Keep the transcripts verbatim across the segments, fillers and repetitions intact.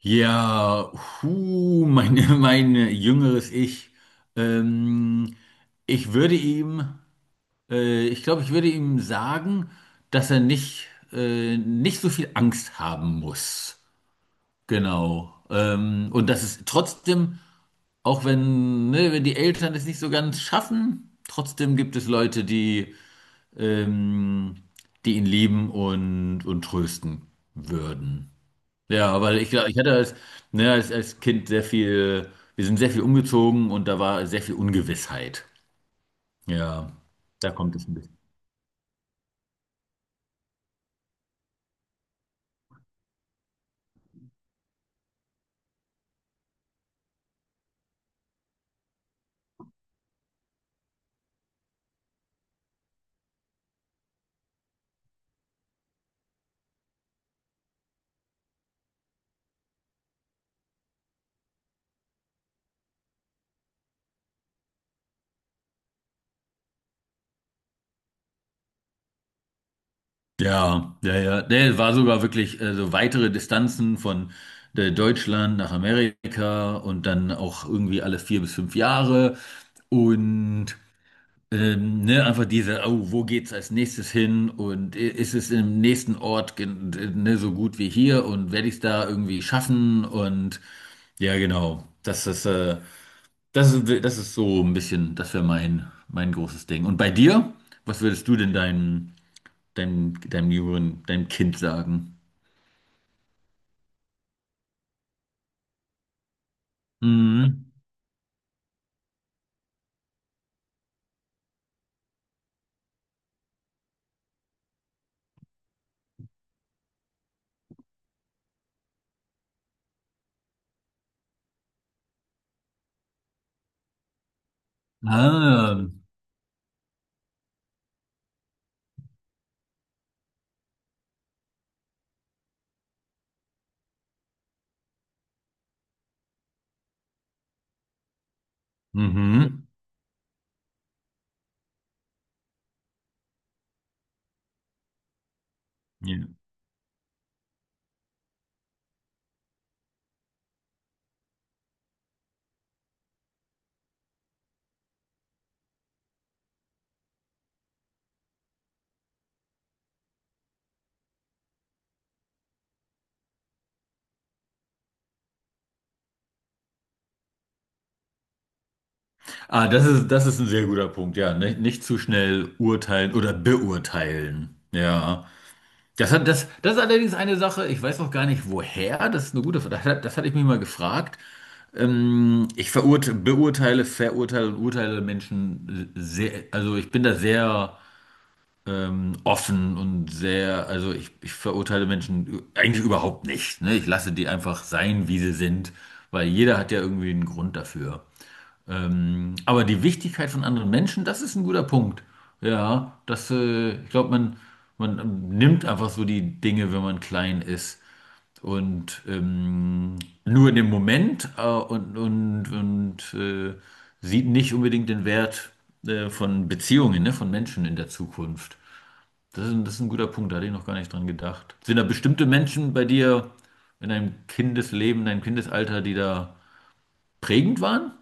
Ja, hu, mein, mein jüngeres Ich. Ähm, Ich würde ihm, äh, ich glaube, ich würde ihm sagen, dass er nicht, äh, nicht so viel Angst haben muss. Genau. Ähm, und dass es trotzdem, auch wenn, ne, wenn die Eltern es nicht so ganz schaffen, trotzdem gibt es Leute, die, ähm, die ihn lieben und, und trösten würden. Ja, weil ich glaube, ich hatte als, ne, als, als Kind sehr viel, wir sind sehr viel umgezogen und da war sehr viel Ungewissheit. Ja, da kommt es ein bisschen. Ja, ja, ja. Der war sogar wirklich äh, so weitere Distanzen von äh, Deutschland nach Amerika und dann auch irgendwie alle vier bis fünf Jahre. Und Ähm, ne, einfach diese, oh, wo geht's als nächstes hin und i- ist es im nächsten Ort gen- ne, so gut wie hier und werde ich es da irgendwie schaffen und ja, genau. Das ist, äh, das ist, das ist so ein bisschen, das wäre mein, mein großes Ding. Und bei dir, was würdest du denn deinem, deinem, deinem jüngeren, deinem Kind sagen? Mhm. Ah, mhm. Ja. Ah, das ist, das ist ein sehr guter Punkt, ja. Nicht, nicht zu schnell urteilen oder beurteilen. Ja. Das hat, das, das ist allerdings eine Sache, ich weiß auch gar nicht woher, das ist eine gute Frage, das, hat- das hatte ich mich mal gefragt. Ähm, ich verurte, beurteile, verurteile und urteile Menschen sehr, also ich bin da sehr ähm, offen und sehr, also ich, ich verurteile Menschen eigentlich überhaupt nicht, ne? Ich lasse die einfach sein, wie sie sind, weil jeder hat ja irgendwie einen Grund dafür. Ähm, aber die Wichtigkeit von anderen Menschen, das ist ein guter Punkt. Ja, das, äh, ich glaube, man, man ähm, nimmt einfach so die Dinge, wenn man klein ist. Und ähm, nur in dem Moment äh, und, und, und äh, sieht nicht unbedingt den Wert äh, von Beziehungen, ne, von Menschen in der Zukunft. Das ist, ein- das ist ein guter Punkt, da hatte ich noch gar nicht dran gedacht. Sind da bestimmte Menschen bei dir in deinem Kindesleben, in deinem Kindesalter, die da prägend waren?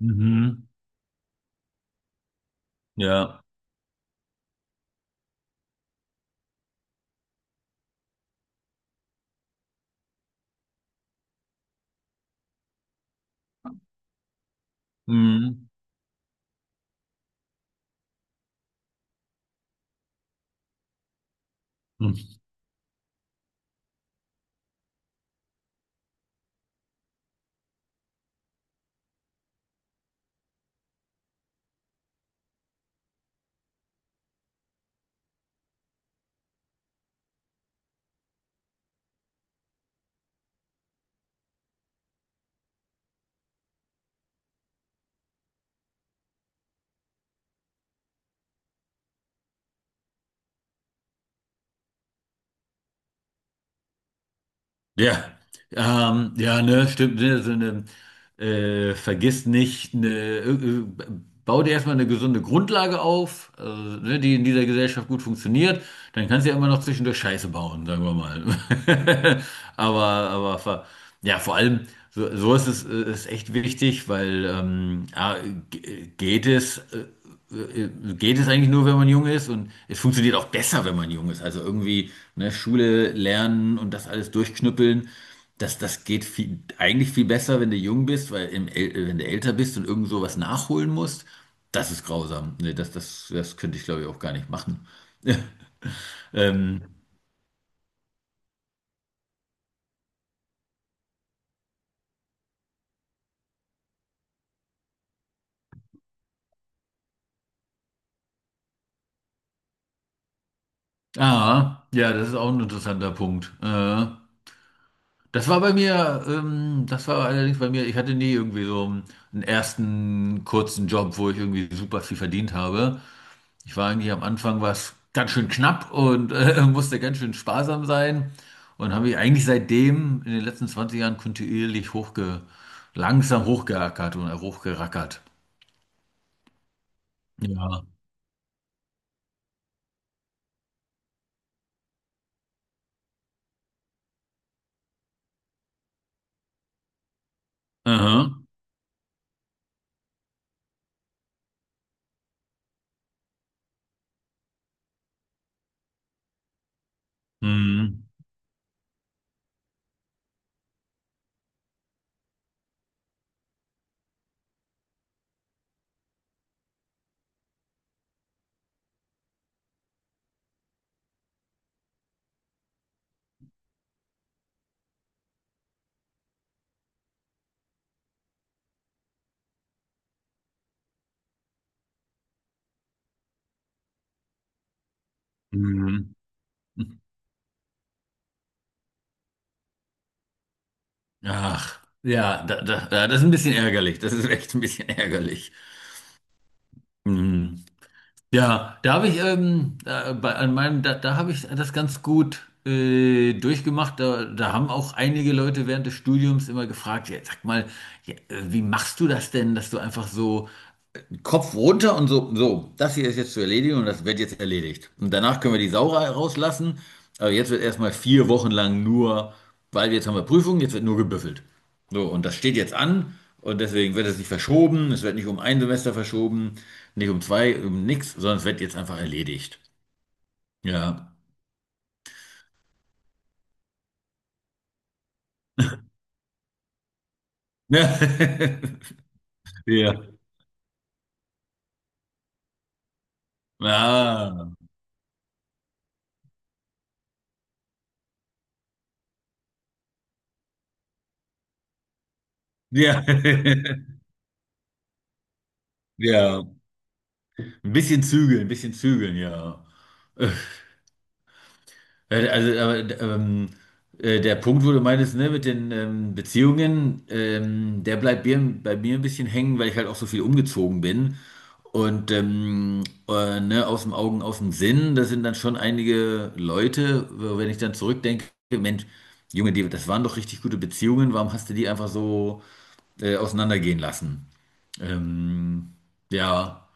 Mhm. Ja. Mhm. Hm. Ja, ähm, ja, ne, stimmt, ne, so eine, äh, vergiss nicht, ne, äh, bau dir erstmal eine gesunde Grundlage auf, also, ne, die in dieser Gesellschaft gut funktioniert, dann kannst du ja immer noch zwischendurch Scheiße bauen, sagen wir mal. Aber, aber, ver- ja, vor allem, so, so ist es, äh, ist echt wichtig, weil, ähm, A, g- geht es, äh, äh, geht es eigentlich nur, wenn man jung ist und es funktioniert auch besser, wenn man jung ist. Also irgendwie, ne, Schule lernen und das alles durchknüppeln, das, das geht viel, eigentlich viel besser, wenn du jung bist, weil im, äl- wenn du älter bist und irgend sowas nachholen musst, das ist grausam. Ne, das, das, das könnte ich, glaube ich, auch gar nicht machen. Ähm, ah, ja, das ist auch ein interessanter Punkt. Äh, Das war bei mir, ähm, das war allerdings bei mir, ich hatte nie irgendwie so einen ersten kurzen Job, wo ich irgendwie super viel verdient habe. Ich war eigentlich am Anfang was ganz schön knapp und äh, musste ganz schön sparsam sein und habe mich eigentlich seitdem in den letzten zwanzig Jahren kontinuierlich hochge, langsam hochgeackert und äh, hochgerackert. Ja. Aha. Mhm. Mhm. Ach, ja, da, da, ja, das ist ein bisschen ärgerlich. Das ist echt ein bisschen ärgerlich. Mhm. Ja, da habe ich ähm, da, bei, an meinem, da, da habe ich das ganz gut äh, durchgemacht. Da, da haben auch einige Leute während des Studiums immer gefragt, ja, sag mal, ja, äh, wie machst du das denn, dass du einfach so äh, Kopf runter und so, so, das hier ist jetzt zu erledigen und das wird jetzt erledigt. Und danach können wir die Sau ra- rauslassen. Aber jetzt wird erstmal vier Wochen lang nur, weil jetzt haben wir Prüfungen, jetzt wird nur gebüffelt. So, und das steht jetzt an und deswegen wird es nicht verschoben. Es wird nicht um ein Semester verschoben, nicht um zwei, um nichts, sondern es wird jetzt einfach erledigt. Ja. Ja. Ah. Ja. Ja. Ein bisschen zügeln, ein bisschen zügeln, ja. Äh, Also, äh, ähm, äh, der Punkt, wo du meintest, ne, mit den ähm, Beziehungen, ähm, der bleibt bei, bei mir ein bisschen hängen, weil ich halt auch so viel umgezogen bin. Und ähm, äh, ne, aus dem Augen, aus dem Sinn, das sind dann schon einige Leute, wo- wenn ich dann zurückdenke, Mensch, Junge, die, das waren doch richtig gute Beziehungen, warum hast du die einfach so äh, auseinandergehen lassen? Ähm, ja,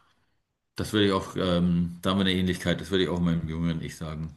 das würde ich auch, ähm, da haben wir eine Ähnlichkeit, das würde ich auch meinem jüngeren Ich sagen.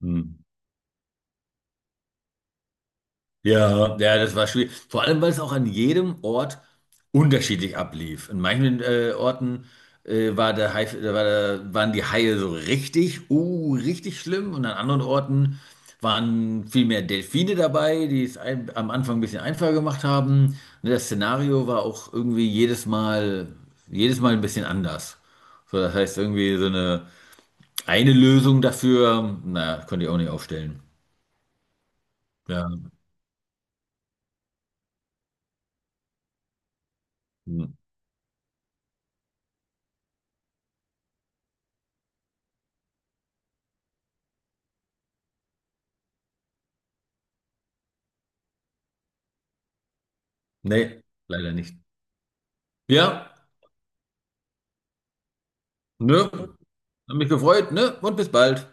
Hm. Ja, ja, das war schwierig. Vor allem, weil es auch an jedem Ort unterschiedlich ablief. In manchen äh, Orten äh, war der Hai, da war der, waren die Haie so richtig, uh, richtig schlimm. Und an anderen Orten waren viel mehr Delfine dabei, die es ein, am Anfang ein bisschen einfacher gemacht haben. Und das Szenario war auch irgendwie jedes Mal, jedes Mal ein bisschen anders. So, das heißt, irgendwie so eine, eine Lösung dafür, na, konnte ich auch nicht aufstellen. Ja. Hm. Nee, leider nicht. Ja, ne? Hab mich gefreut, ne? Und bis bald.